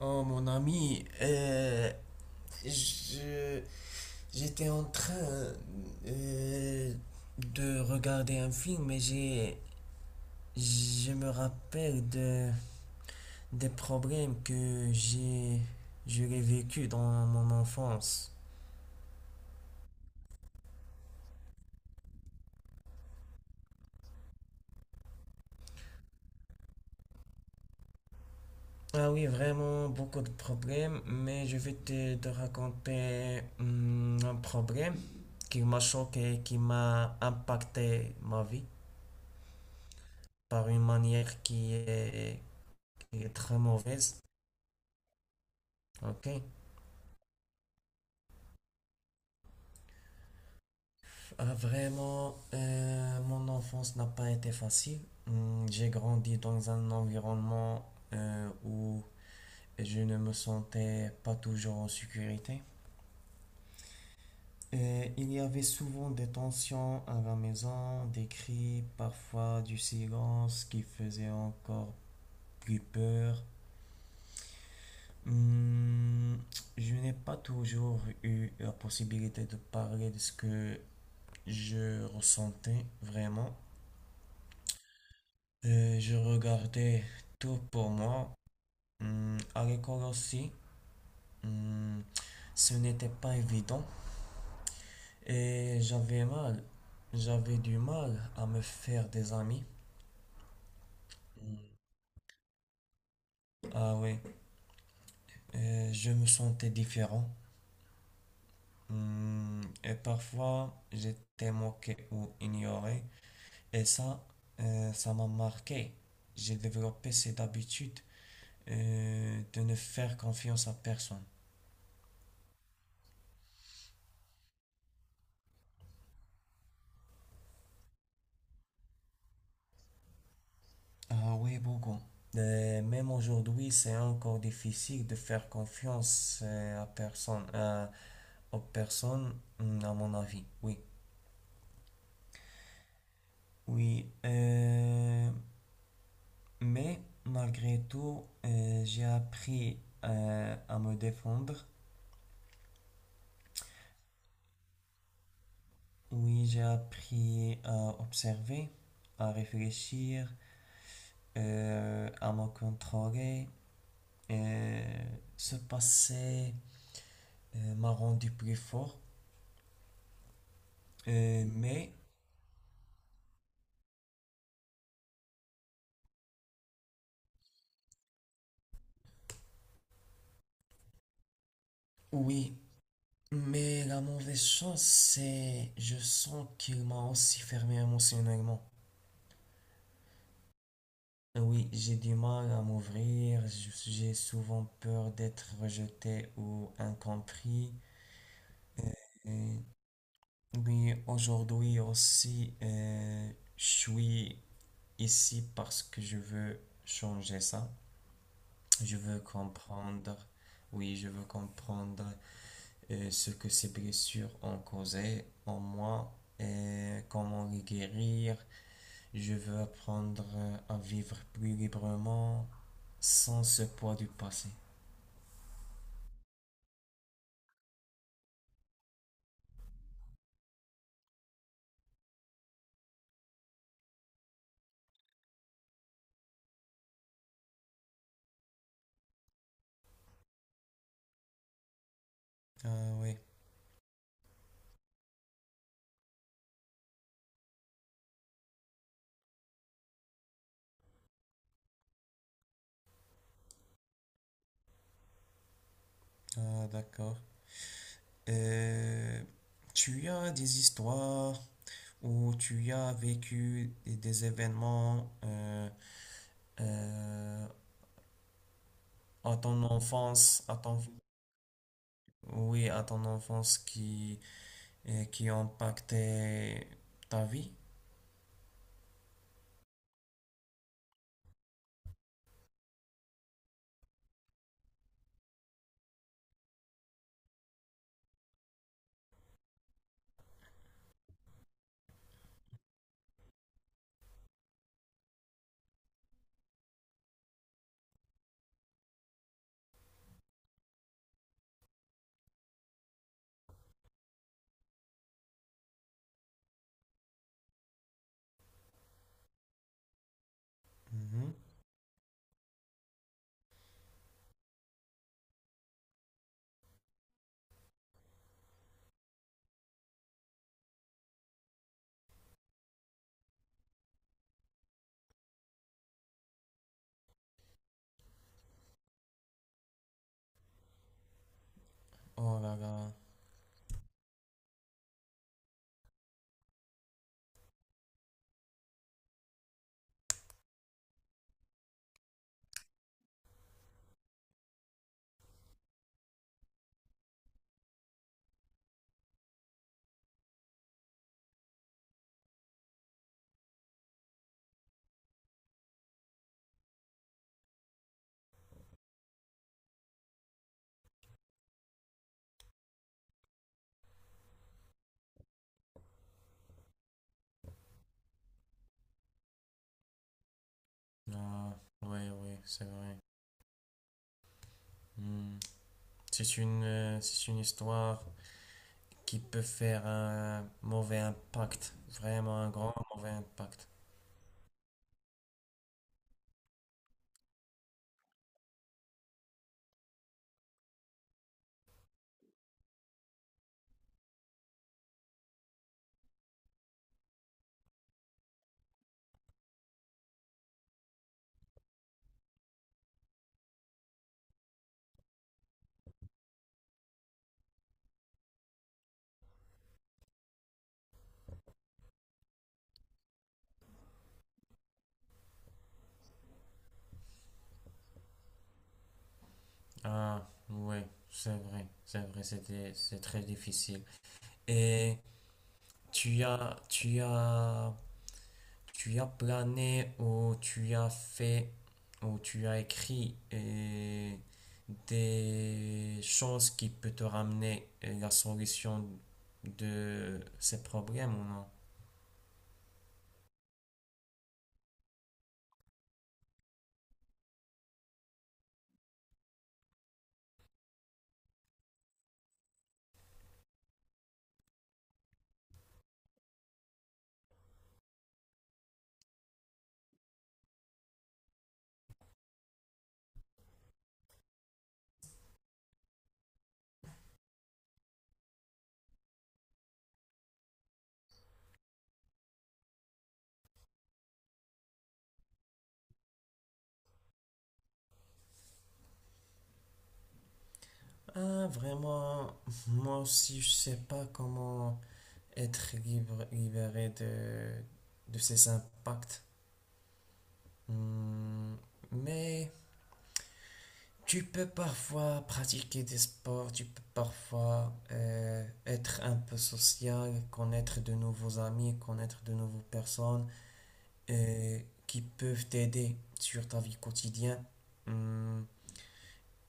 Oh mon ami, je, j'étais en train euh, de regarder un film et je me rappelle des problèmes que j'aurais vécu dans mon enfance. Ah oui, vraiment beaucoup de problèmes, mais je vais te raconter un problème qui m'a choqué, qui m'a impacté ma vie par une manière qui est très mauvaise. Ok. Vraiment, mon enfance n'a pas été facile. J'ai grandi dans un environnement où je ne me sentais pas toujours en sécurité. Et il y avait souvent des tensions à la maison, des cris, parfois du silence qui faisait encore plus peur. Hum, je n'ai pas toujours eu la possibilité de parler de ce que je ressentais vraiment. Je regardais tout pour moi. À l'école aussi, hum, ce n'était pas évident et j'avais mal. J'avais du mal à me faire des amis. Hum, Ah oui. Je me sentais différent. Et parfois, j'étais moqué ou ignoré. Et ça, ça m'a marqué. J'ai développé cette habitude de ne faire confiance à personne. Ah oui, beaucoup. Même aujourd'hui, c'est encore difficile de faire confiance à personne, aux personnes, mm, à mon avis. Oui. Oui. Mais malgré tout, j'ai appris à me défendre. Oui, j'ai appris à observer, à réfléchir, à me contrôler. Euh, Ce passé m'a rendu plus fort. Euh, mais oui. Mais la mauvaise chose, c'est je sens qu'il m'a aussi fermé émotionnellement. Oui, j'ai du mal à m'ouvrir, j'ai souvent peur d'être rejeté ou incompris. Euh, oui, aujourd'hui aussi, je suis ici parce que je veux changer ça. Je veux comprendre, oui, je veux comprendre ce que ces blessures ont causé en moi et comment les guérir. Je veux apprendre à vivre plus librement sans ce poids du passé. Ah oui, ah, d'accord. Euh, Tu as des histoires où tu as vécu des événements euh, à ton enfance, oui, à ton enfance qui impactaient ta vie? Mhm. Oh là là. Ah, oui, oui, c'est vrai. Hmm. C'est une histoire qui peut faire un mauvais impact, vraiment un grand mauvais impact. Ah, ouais, c'est vrai, c'était, c'est très difficile. Et tu as, tu as, tu as plané ou tu as fait ou tu as écrit des choses qui peut te ramener la solution de ces problèmes ou non? Ah, vraiment, moi aussi, je sais pas comment. Être libre, libéré de ses impacts. Hmm. Mais tu peux parfois pratiquer des sports, tu peux parfois être un peu social, connaître de nouveaux amis, connaître de nouvelles personnes euh, qui peuvent t'aider sur ta vie quotidienne. Hmm,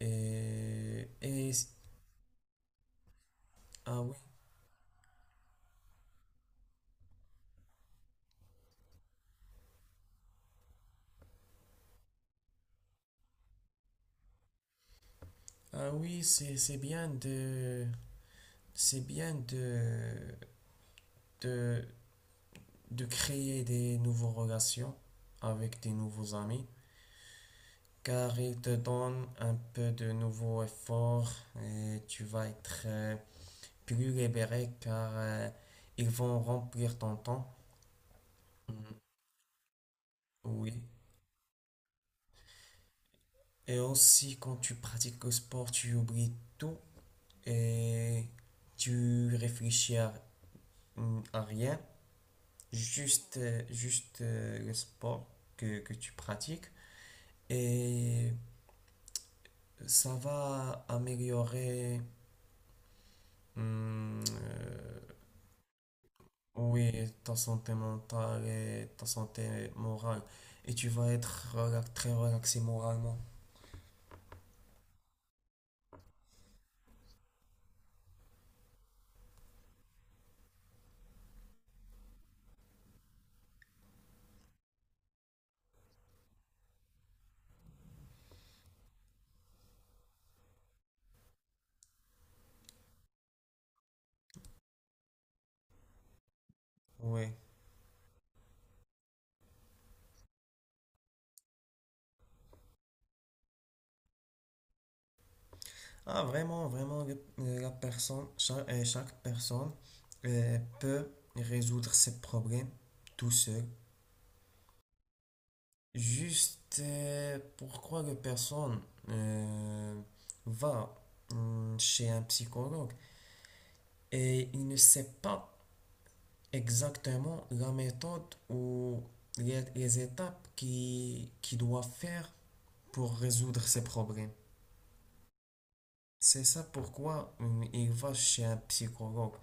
et, et- ah oui, ah oui, c'est bien de de créer des nouvelles relations avec des nouveaux amis, car ils te donnent un peu de nouveaux efforts et tu vas être plus libéré car ils vont remplir ton temps. Mm. Oui. Et aussi, quand tu pratiques le sport, tu oublies tout et tu réfléchis à, mm, à rien, juste, juste le sport que tu pratiques. Et ça va améliorer, hum, euh, oui, ta santé mentale et ta santé morale. Et tu vas être très relaxé moralement. Oui. Ah, vraiment, vraiment, chaque personne peut résoudre ses problèmes tout seul. Juste pourquoi la personne euh, va chez un psychologue et il ne sait pas exactement la méthode ou les étapes qui doit faire pour résoudre ses problèmes. C'est ça pourquoi il va chez un psychologue.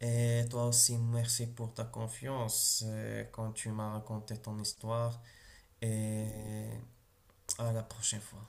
Et toi aussi, merci pour ta confiance quand tu m'as raconté ton histoire. Et à la prochaine fois.